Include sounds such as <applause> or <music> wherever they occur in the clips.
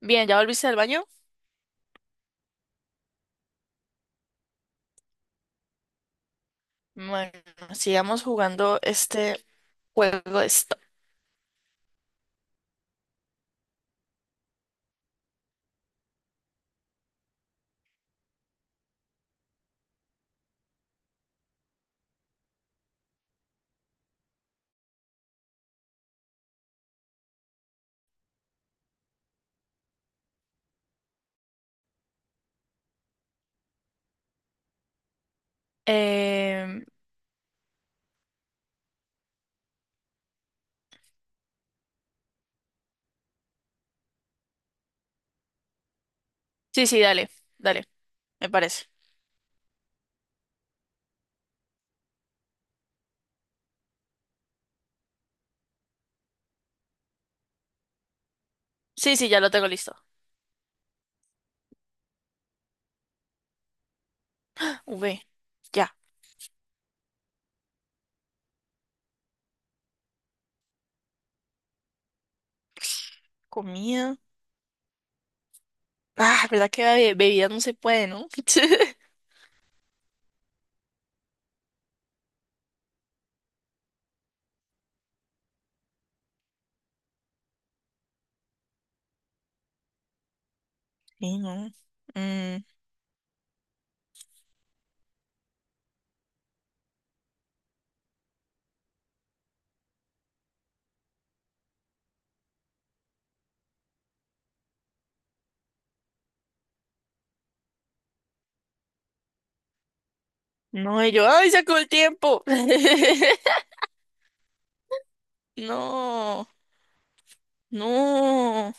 Bien, ¿ya volviste al baño? Bueno, sigamos jugando este juego de stop. Em, sí, sí, dale, dale, me parece. Sí, sí, ya lo tengo listo. V, ya, comida. Ah, ¿verdad que bebida bebidas no se puede, no? <laughs> Sí, no. Mm, no, y yo, ¡ay, se acabó el tiempo! <laughs> No, no.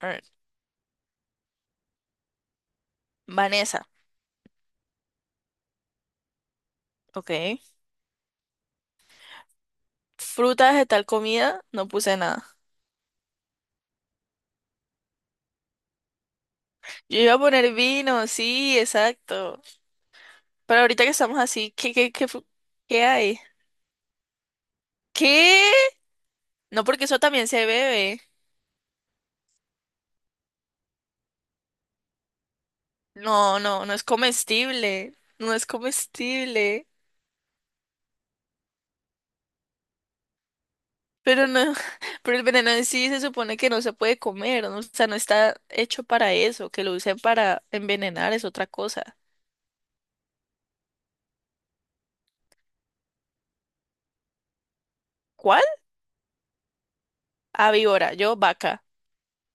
A ver, Vanessa, ok. Fruta, vegetal, comida, no puse nada. Yo iba a poner vino, sí, exacto. Pero ahorita que estamos así, ¿ qué hay? ¿Qué? No, porque eso también se bebe. No, no, no es comestible. No es comestible. Pero no, <laughs> pero el veneno en sí se supone que no se puede comer, ¿no? O sea, no está hecho para eso. Que lo usen para envenenar es otra cosa. ¿Cuál? Ah, víbora. Yo, vaca.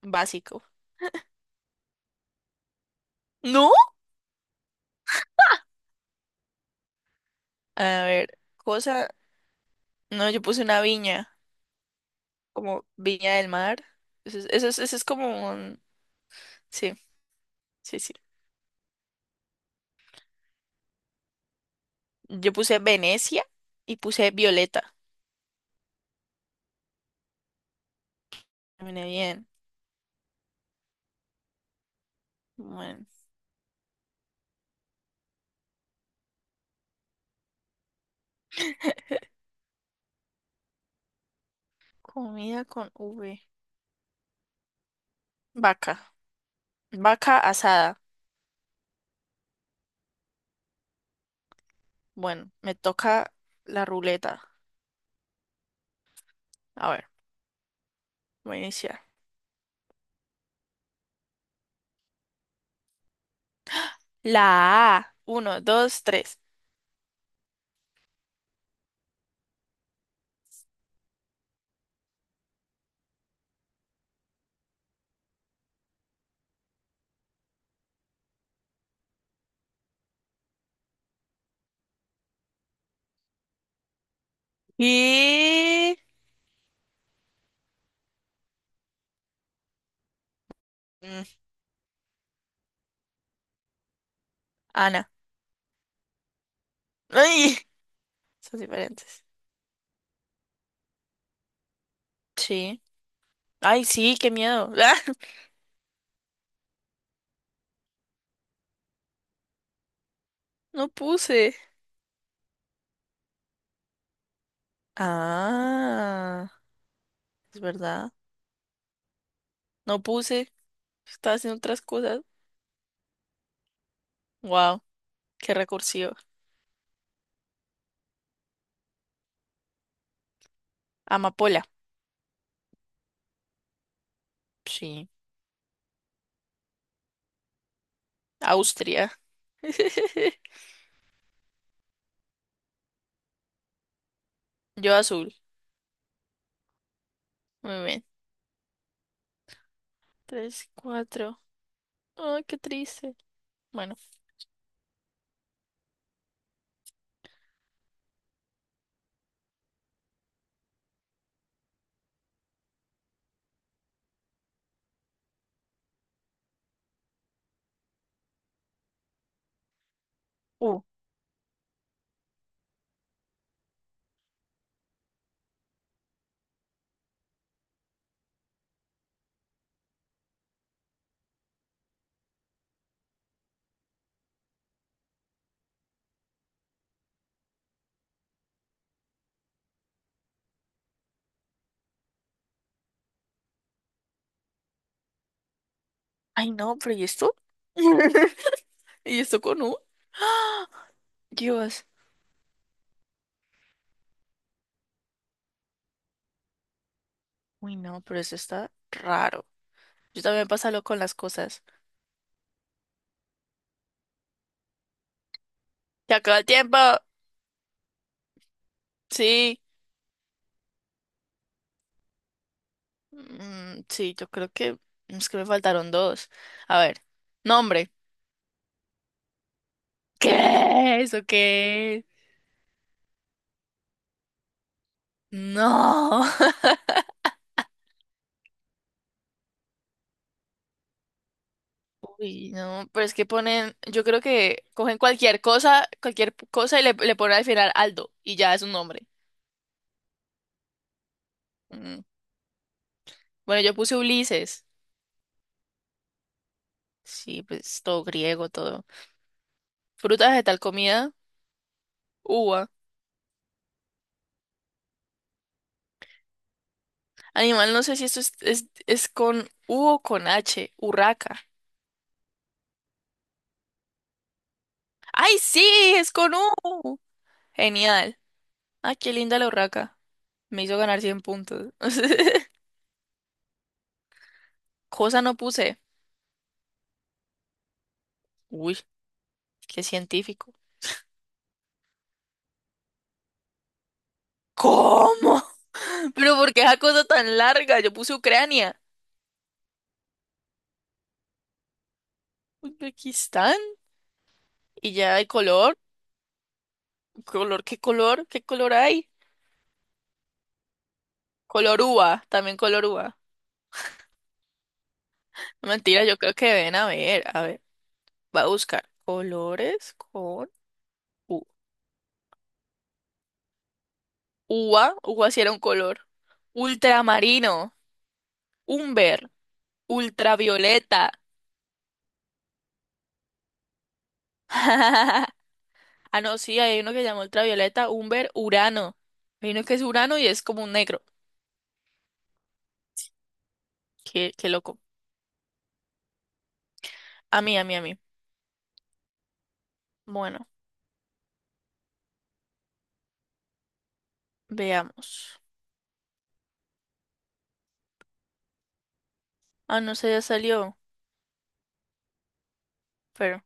Básico. ¿No? A ver, cosa. No, yo puse una viña, como viña del mar. Eso es como un. Sí, sí, sí. Yo puse Venecia y puse Violeta. Terminé bien. Bueno, comida con V. Vaca. Vaca asada. Bueno, me toca la ruleta. A ver, voy a iniciar. La A. Uno, dos, tres. Y, mm, Ana. ¡Ay! Son diferentes. Sí. Ay, sí, qué miedo. <laughs> ¡Ah! No puse. Ah, es verdad. No puse. Estaba haciendo otras cosas. Wow, qué recursivo. Amapola. Sí, Austria. <laughs> Yo azul. Muy bien. Tres, cuatro. Ay, qué triste. Bueno. Uh. Ay, no, pero ¿y esto? <laughs> ¿Y esto con U? ¡Ah! Dios. Uy, no, pero eso está raro. Yo también pasa loco con las cosas. ¡Se acabó el tiempo! Sí. Mm, sí, yo creo que. Es que me faltaron dos. A ver. Nombre. ¿Qué? ¿Eso qué es? No. <laughs> Uy, no, pero es que ponen, yo creo que cogen cualquier cosa y le ponen al final Aldo y ya es un nombre. Mm. Bueno, yo puse Ulises. Sí, pues todo griego, todo. Fruta, vegetal, comida, uva. Animal, no sé si esto es con U o con H. Urraca. ¡Ay, sí! Es con U. Genial. ¡Ay, qué linda la urraca! Me hizo ganar 100 puntos. <laughs> Cosa no puse. Uy, qué científico. ¿Cómo? Pero ¿por qué esa cosa tan larga? Yo puse Ucrania, Uzbekistán y ya hay color, ¿qué color? ¿Qué color hay? Color uva, también color uva. No, mentira, yo creo que ven a ver, va a buscar colores con u- uva, uva si era un color. Ultramarino, umber, ultravioleta. <laughs> Ah, no, sí, hay uno que llama ultravioleta, umber, urano. Hay uno que es urano y es como un negro. Qué loco. A mí, a mí, a mí. Bueno. Veamos. Ah, no sé, ya salió. Pero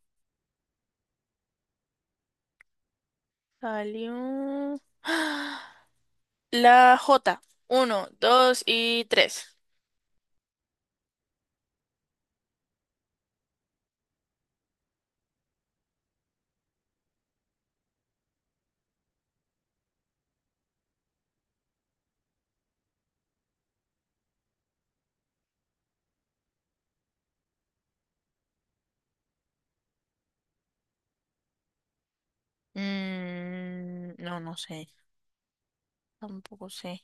salió. ¡Ah! La J. Uno, dos y tres. Mm, no, no sé. Tampoco sé.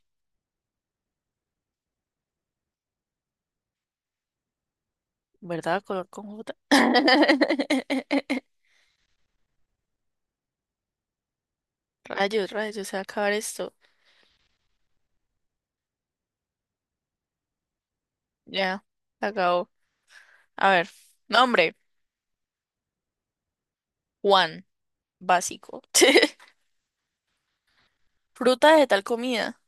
¿Verdad? Color con J. <laughs> Rayos, rayos, se va a acabar esto. Ya, se acabó. A ver. Nombre. Juan. Básico. <laughs> Fruta de tal comida.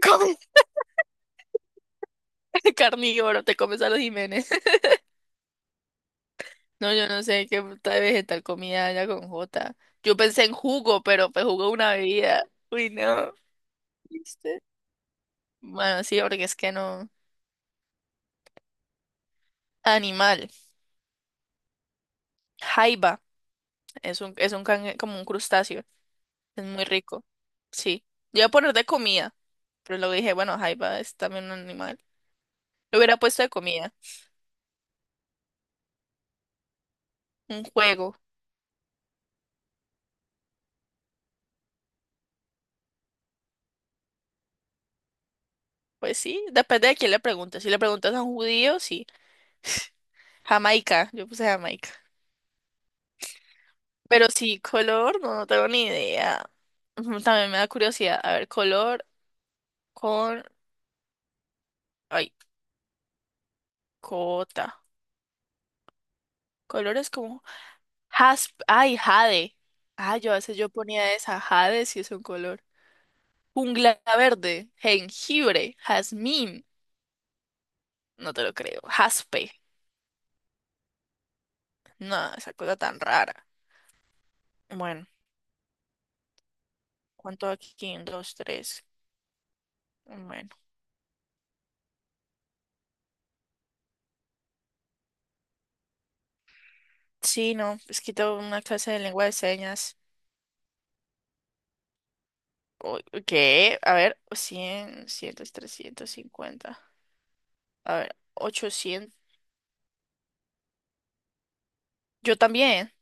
Come- <laughs> Carnívoro, te comes a los Jiménez. No, yo no sé qué puta de vegetal comida haya con J. Yo pensé en jugo, pero pues jugo es una bebida. Uy, no. ¿Viste? Bueno, sí, porque es que no. Animal. Jaiba. Como un crustáceo. Es muy rico. Sí. Yo iba a poner de comida, pero luego dije, bueno, jaiba es también un animal. Lo hubiera puesto de comida. Un juego. Pues sí, depende de quién le preguntes. Si le preguntas a un judío, sí. Jamaica. Yo puse Jamaica. Pero sí, color, no, no tengo ni idea. Ujú, también me da curiosidad. A ver, color con. Ay, cota. Colores como. Jasp. Ay, jade. Ah, yo a veces yo ponía esa. Jade si es un color. Jungla verde. Jengibre. Jazmín. No te lo creo. Jaspe. No, esa cosa tan rara. Bueno, ¿cuánto aquí? Un, dos, tres. Bueno. Sí, no. Es que tengo una clase de lengua de señas. O- ¿Qué? A ver, 100, 350. A ver, 800. Yo también.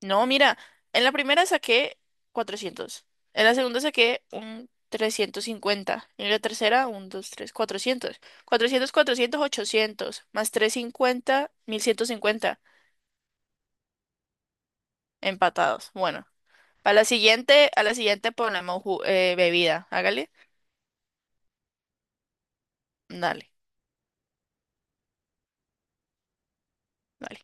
No, mira, en la primera saqué 400. En la segunda saqué un 350. Y en la tercera, un 2 3 400 400 400 ochocientos. Más 350 1150. Empatados. Bueno, a la siguiente, ponemos bebida. Hágale. Dale, dale.